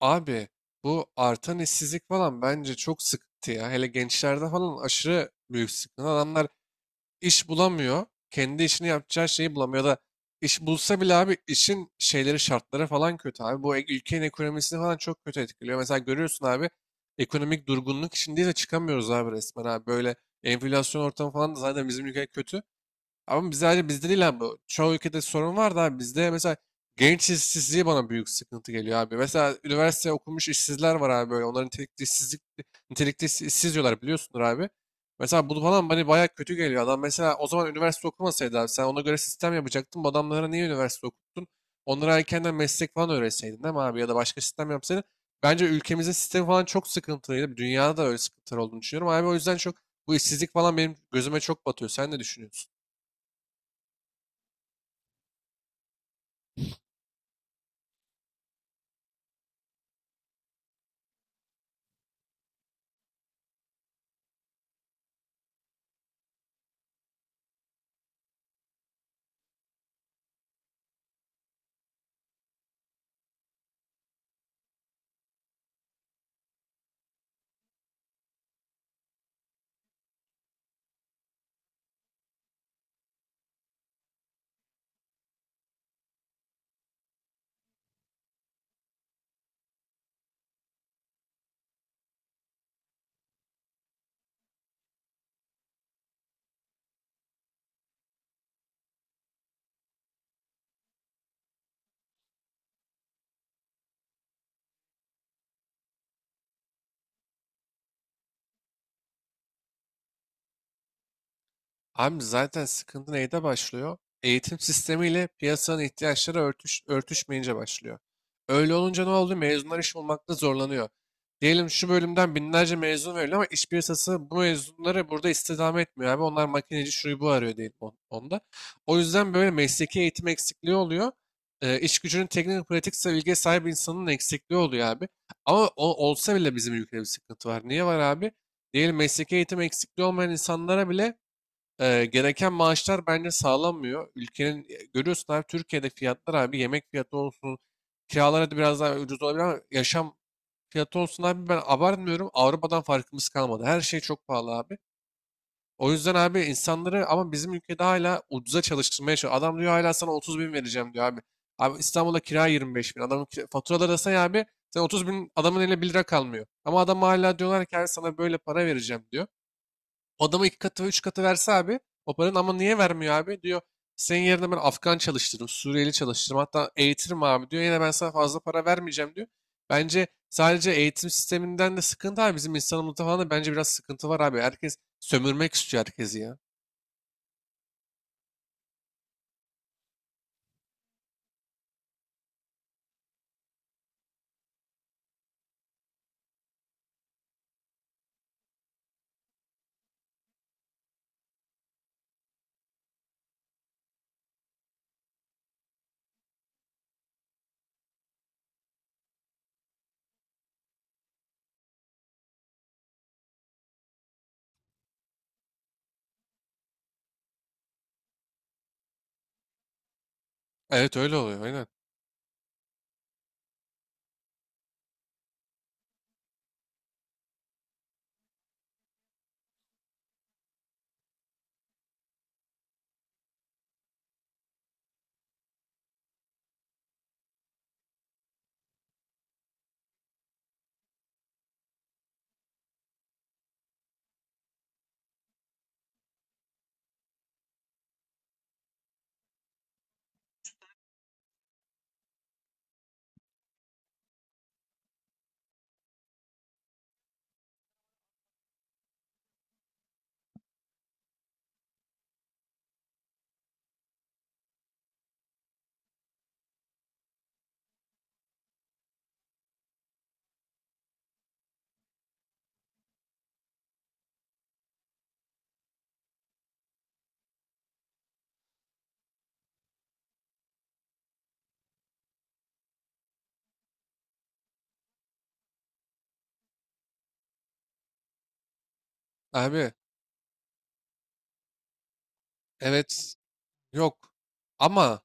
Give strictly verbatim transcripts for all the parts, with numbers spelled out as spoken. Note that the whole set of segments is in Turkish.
Abi bu artan işsizlik falan bence çok sıkıntı ya. Hele gençlerde falan aşırı büyük sıkıntı. Adamlar iş bulamıyor. Kendi işini yapacağı şeyi bulamıyor. Ya da iş bulsa bile abi işin şeyleri şartları falan kötü abi. Bu ek- ülkenin ekonomisini falan çok kötü etkiliyor. Mesela görüyorsun abi ekonomik durgunluk içindeyiz de çıkamıyoruz abi resmen abi. Böyle enflasyon ortamı falan da zaten bizim ülke kötü. Ama biz sadece bizde değil abi. bu. Çoğu ülkede sorun var da abi bizde mesela genç işsizliği bana büyük sıkıntı geliyor abi. Mesela üniversite okumuş işsizler var abi böyle. Onların nitelikli işsizlik, nitelikli işsiz işsiz diyorlar biliyorsundur abi. Mesela bu falan bana bayağı kötü geliyor. Adam mesela o zaman üniversite okumasaydı abi sen ona göre sistem yapacaktın. Bu adamlara niye üniversite okuttun? Onlara erkenden meslek falan öğretseydin değil mi abi? Ya da başka sistem yapsaydın. Bence ülkemizin sistemi falan çok sıkıntılıydı. Dünyada da öyle sıkıntılar olduğunu düşünüyorum. Abi o yüzden çok bu işsizlik falan benim gözüme çok batıyor. Sen ne düşünüyorsun? Abi zaten sıkıntı neyde başlıyor? Eğitim sistemiyle piyasanın ihtiyaçları örtüş, örtüşmeyince başlıyor. Öyle olunca ne oldu? Mezunlar iş bulmakta zorlanıyor. Diyelim şu bölümden binlerce mezun veriliyor ama iş piyasası bu mezunları burada istihdam etmiyor abi. Onlar makineci şuyu bu arıyor diyelim on- onda. O yüzden böyle mesleki eğitim eksikliği oluyor. Ee, iş gücünün teknik pratik bilgiye sahip insanın eksikliği oluyor abi. Ama o, olsa bile bizim ülkede bir sıkıntı var. Niye var abi? Diyelim mesleki eğitim eksikliği olmayan insanlara bile e, gereken maaşlar bence sağlanmıyor. Ülkenin e, görüyorsun abi Türkiye'de fiyatlar abi yemek fiyatı olsun, kiralar hadi biraz daha ucuz olabilir ama yaşam fiyatı olsun abi ben abartmıyorum. Avrupa'dan farkımız kalmadı. Her şey çok pahalı abi. O yüzden abi insanları ama bizim ülkede hala ucuza çalıştırmaya çalışıyor. Adam diyor hala sana otuz bin vereceğim diyor abi. Abi İstanbul'da kira yirmi beş bin. Adamın kira- faturaları da say abi. Sen otuz bin adamın eline bir lira kalmıyor. Ama adam hala diyorlar ki abi sana böyle para vereceğim diyor. O adama iki katı ve üç katı verse abi o paranın ama niye vermiyor abi diyor. Senin yerine ben Afgan çalıştırırım, Suriyeli çalıştırırım hatta eğitirim abi diyor. Yine ben sana fazla para vermeyeceğim diyor. Bence sadece eğitim sisteminden de sıkıntı abi. Bizim insanımızda falan da bence biraz sıkıntı var abi. Herkes sömürmek istiyor herkesi ya. Evet, öyle oluyor aynen. Abi, evet, yok, ama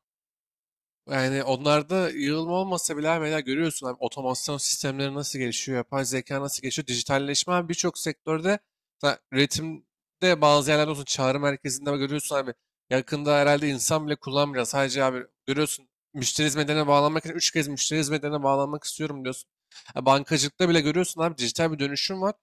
yani onlarda yığılma olmasa bile abi mesela görüyorsun abi otomasyon sistemleri nasıl gelişiyor, yapay zeka nasıl gelişiyor, dijitalleşme abi birçok sektörde ta- üretimde bazı yerlerde olsun çağrı merkezinde görüyorsun abi yakında herhalde insan bile kullanmayacak. Sadece abi görüyorsun müşteri hizmetlerine bağlanmak için üç kez müşteri hizmetlerine bağlanmak istiyorum diyorsun. Ha, bankacılıkta bile görüyorsun abi dijital bir dönüşüm var.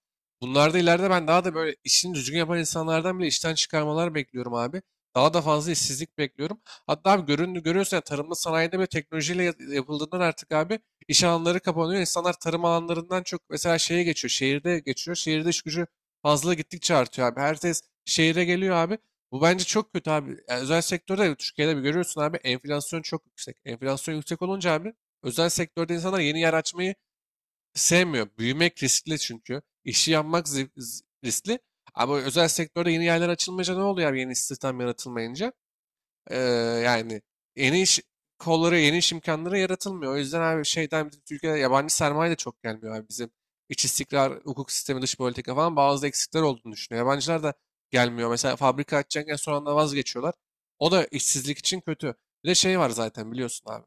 Bunlarda ileride ben daha da böyle işini düzgün yapan insanlardan bile işten çıkarmalar bekliyorum abi. Daha da fazla işsizlik bekliyorum. Hatta abi görün, görüyorsun ya tarımda sanayide bile teknolojiyle ya- yapıldığından artık abi iş alanları kapanıyor. İnsanlar tarım alanlarından çok mesela şeye geçiyor. Şehirde geçiyor. Şehirde iş gücü fazla gittikçe artıyor abi. Herkes şehire geliyor abi. Bu bence çok kötü abi. Yani özel sektörde Türkiye'de bir görüyorsun abi enflasyon çok yüksek. Enflasyon yüksek olunca abi özel sektörde insanlar yeni yer açmayı sevmiyor. Büyümek riskli çünkü. İşi yapmak zi- z- riskli. Ama özel sektörde yeni yerler açılmayınca ne oluyor abi yeni istihdam yaratılmayınca? Ee, Yani yeni iş kolları, yeni iş imkanları yaratılmıyor. O yüzden abi şeyden bizim Türkiye'de yabancı sermaye de çok gelmiyor abi bizim. İç istikrar, hukuk sistemi, dış politika falan bazı eksikler olduğunu düşünüyor. Yabancılar da gelmiyor. Mesela fabrika açacakken son anda vazgeçiyorlar. O da işsizlik için kötü. Bir de şey var zaten biliyorsun abi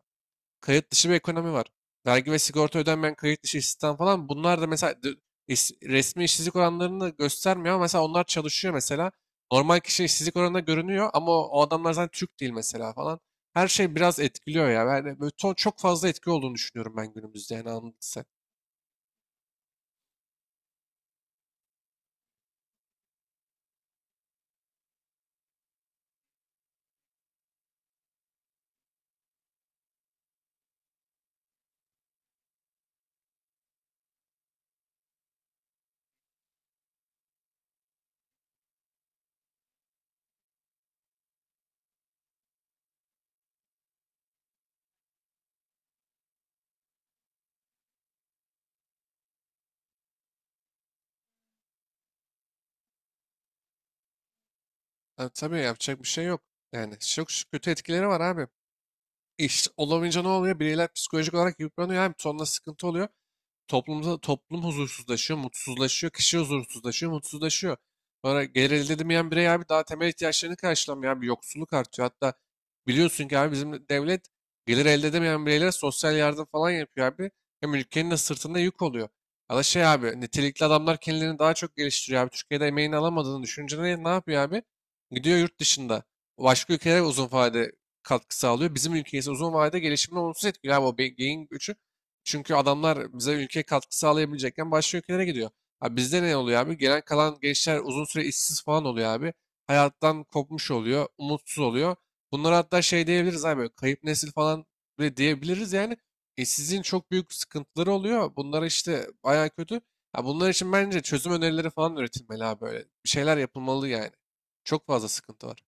kayıt dışı bir ekonomi var. Vergi ve sigorta ödenmeyen kayıt dışı istihdam falan bunlar da mesela d- is- resmi işsizlik oranlarını göstermiyor ama mesela onlar çalışıyor mesela. Normal kişi işsizlik oranında görünüyor ama o, o adamlar zaten Türk değil mesela falan. Her şey biraz etkiliyor ya. Yani böyle to- çok fazla etki olduğunu düşünüyorum ben günümüzde yani anladın sen. Ha, tabii yapacak bir şey yok. Yani çok ş- kötü etkileri var abi. İş olamayınca ne oluyor? Bireyler psikolojik olarak yıpranıyor. Hem sonra sıkıntı oluyor. Toplumda toplum huzursuzlaşıyor, mutsuzlaşıyor, kişi huzursuzlaşıyor, mutsuzlaşıyor. Sonra gelir elde edemeyen birey abi daha temel ihtiyaçlarını karşılamıyor. Bir yoksulluk artıyor. Hatta biliyorsun ki abi bizim devlet gelir elde edemeyen bireylere sosyal yardım falan yapıyor abi. Hem ülkenin de sırtında yük oluyor. Ya da şey abi nitelikli adamlar kendilerini daha çok geliştiriyor abi. Türkiye'de emeğini alamadığını düşünce ne, ne yapıyor abi? Gidiyor yurt dışında. Başka ülkelere uzun vade katkı sağlıyor. Bizim ülkeyiz uzun vadede gelişimini olumsuz etkiliyor. Abi o be- beyin göçü. Çünkü adamlar bize ülkeye katkı sağlayabilecekken başka ülkelere gidiyor. Abi bizde ne oluyor abi? Gelen kalan gençler uzun süre işsiz falan oluyor abi. Hayattan kopmuş oluyor, umutsuz oluyor. Bunlara hatta şey diyebiliriz abi, böyle kayıp nesil falan bile diyebiliriz yani. İşsizliğin çok büyük sıkıntıları oluyor. Bunlar işte bayağı kötü. Ya bunlar için bence çözüm önerileri falan üretilmeli abi böyle. Bir şeyler yapılmalı yani. Çok fazla sıkıntı var.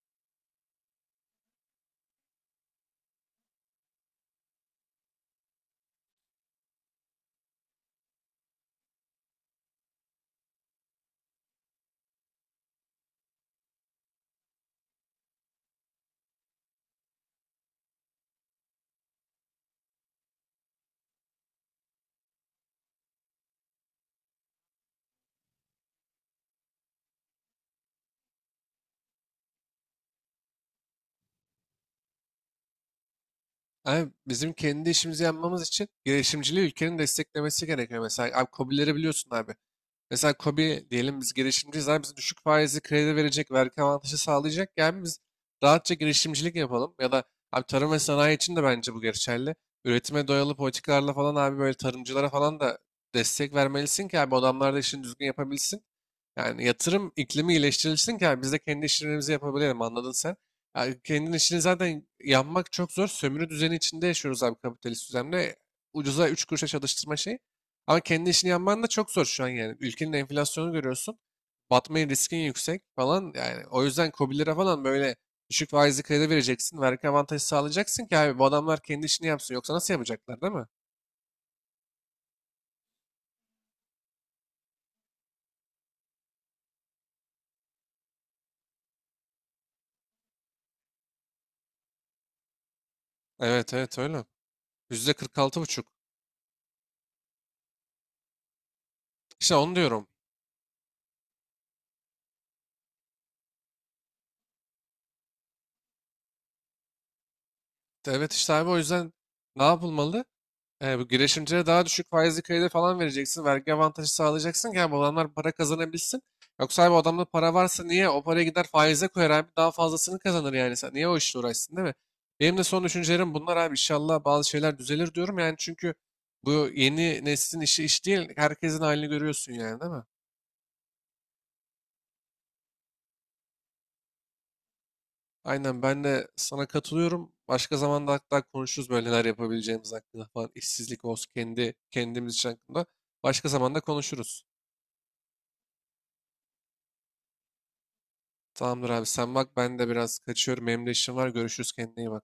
Abi bizim kendi işimizi yapmamız için girişimciliği ülkenin desteklemesi gerekiyor. Mesela abi KOBİ'leri biliyorsun abi. Mesela KOBİ diyelim biz girişimciyiz abi bize düşük faizli kredi verecek, vergi avantajı sağlayacak. Yani biz rahatça girişimcilik yapalım. Ya da abi tarım ve sanayi için de bence bu geçerli. Üretime dayalı politikalarla falan abi böyle tarımcılara falan da destek vermelisin ki abi adamlar da işini düzgün yapabilsin. Yani yatırım iklimi iyileştirilsin ki abi biz de kendi işlerimizi yapabilelim anladın sen. Yani kendin işini zaten yapmak çok zor. Sömürü düzeni içinde yaşıyoruz abi kapitalist düzende. Ucuza üç kuruşa çalıştırma şeyi. Ama kendi işini yapman da çok zor şu an yani. Ülkenin enflasyonu görüyorsun. Batmayı riskin yüksek falan. Yani o yüzden KOBİ'lere falan böyle düşük faizli kredi vereceksin. Vergi avantajı sağlayacaksın ki abi bu adamlar kendi işini yapsın. Yoksa nasıl yapacaklar değil mi? Evet, evet, öyle. yüzde kırk altı nokta beş. İşte onu diyorum. Evet, işte abi o yüzden ne yapılmalı? E, bu girişimcilere daha düşük faizli kredi falan vereceksin. Vergi avantajı sağlayacaksın ki abi bu adamlar para kazanabilsin. Yoksa abi o adamda para varsa niye o paraya gider faize koyar abi daha fazlasını kazanır yani. Sen niye o işle uğraşsın değil mi? Benim de son düşüncelerim bunlar abi. İnşallah bazı şeyler düzelir diyorum yani çünkü bu yeni neslin işi iş değil. Herkesin halini görüyorsun yani değil mi? Aynen ben de sana katılıyorum. Başka zaman hatta konuşuruz böyle neler yapabileceğimiz hakkında falan. İşsizlik olsun kendi kendimiz için hakkında. Başka zamanda konuşuruz. Tamamdır abi sen bak ben de biraz kaçıyorum. Benim de işim var. Görüşürüz kendine iyi bak.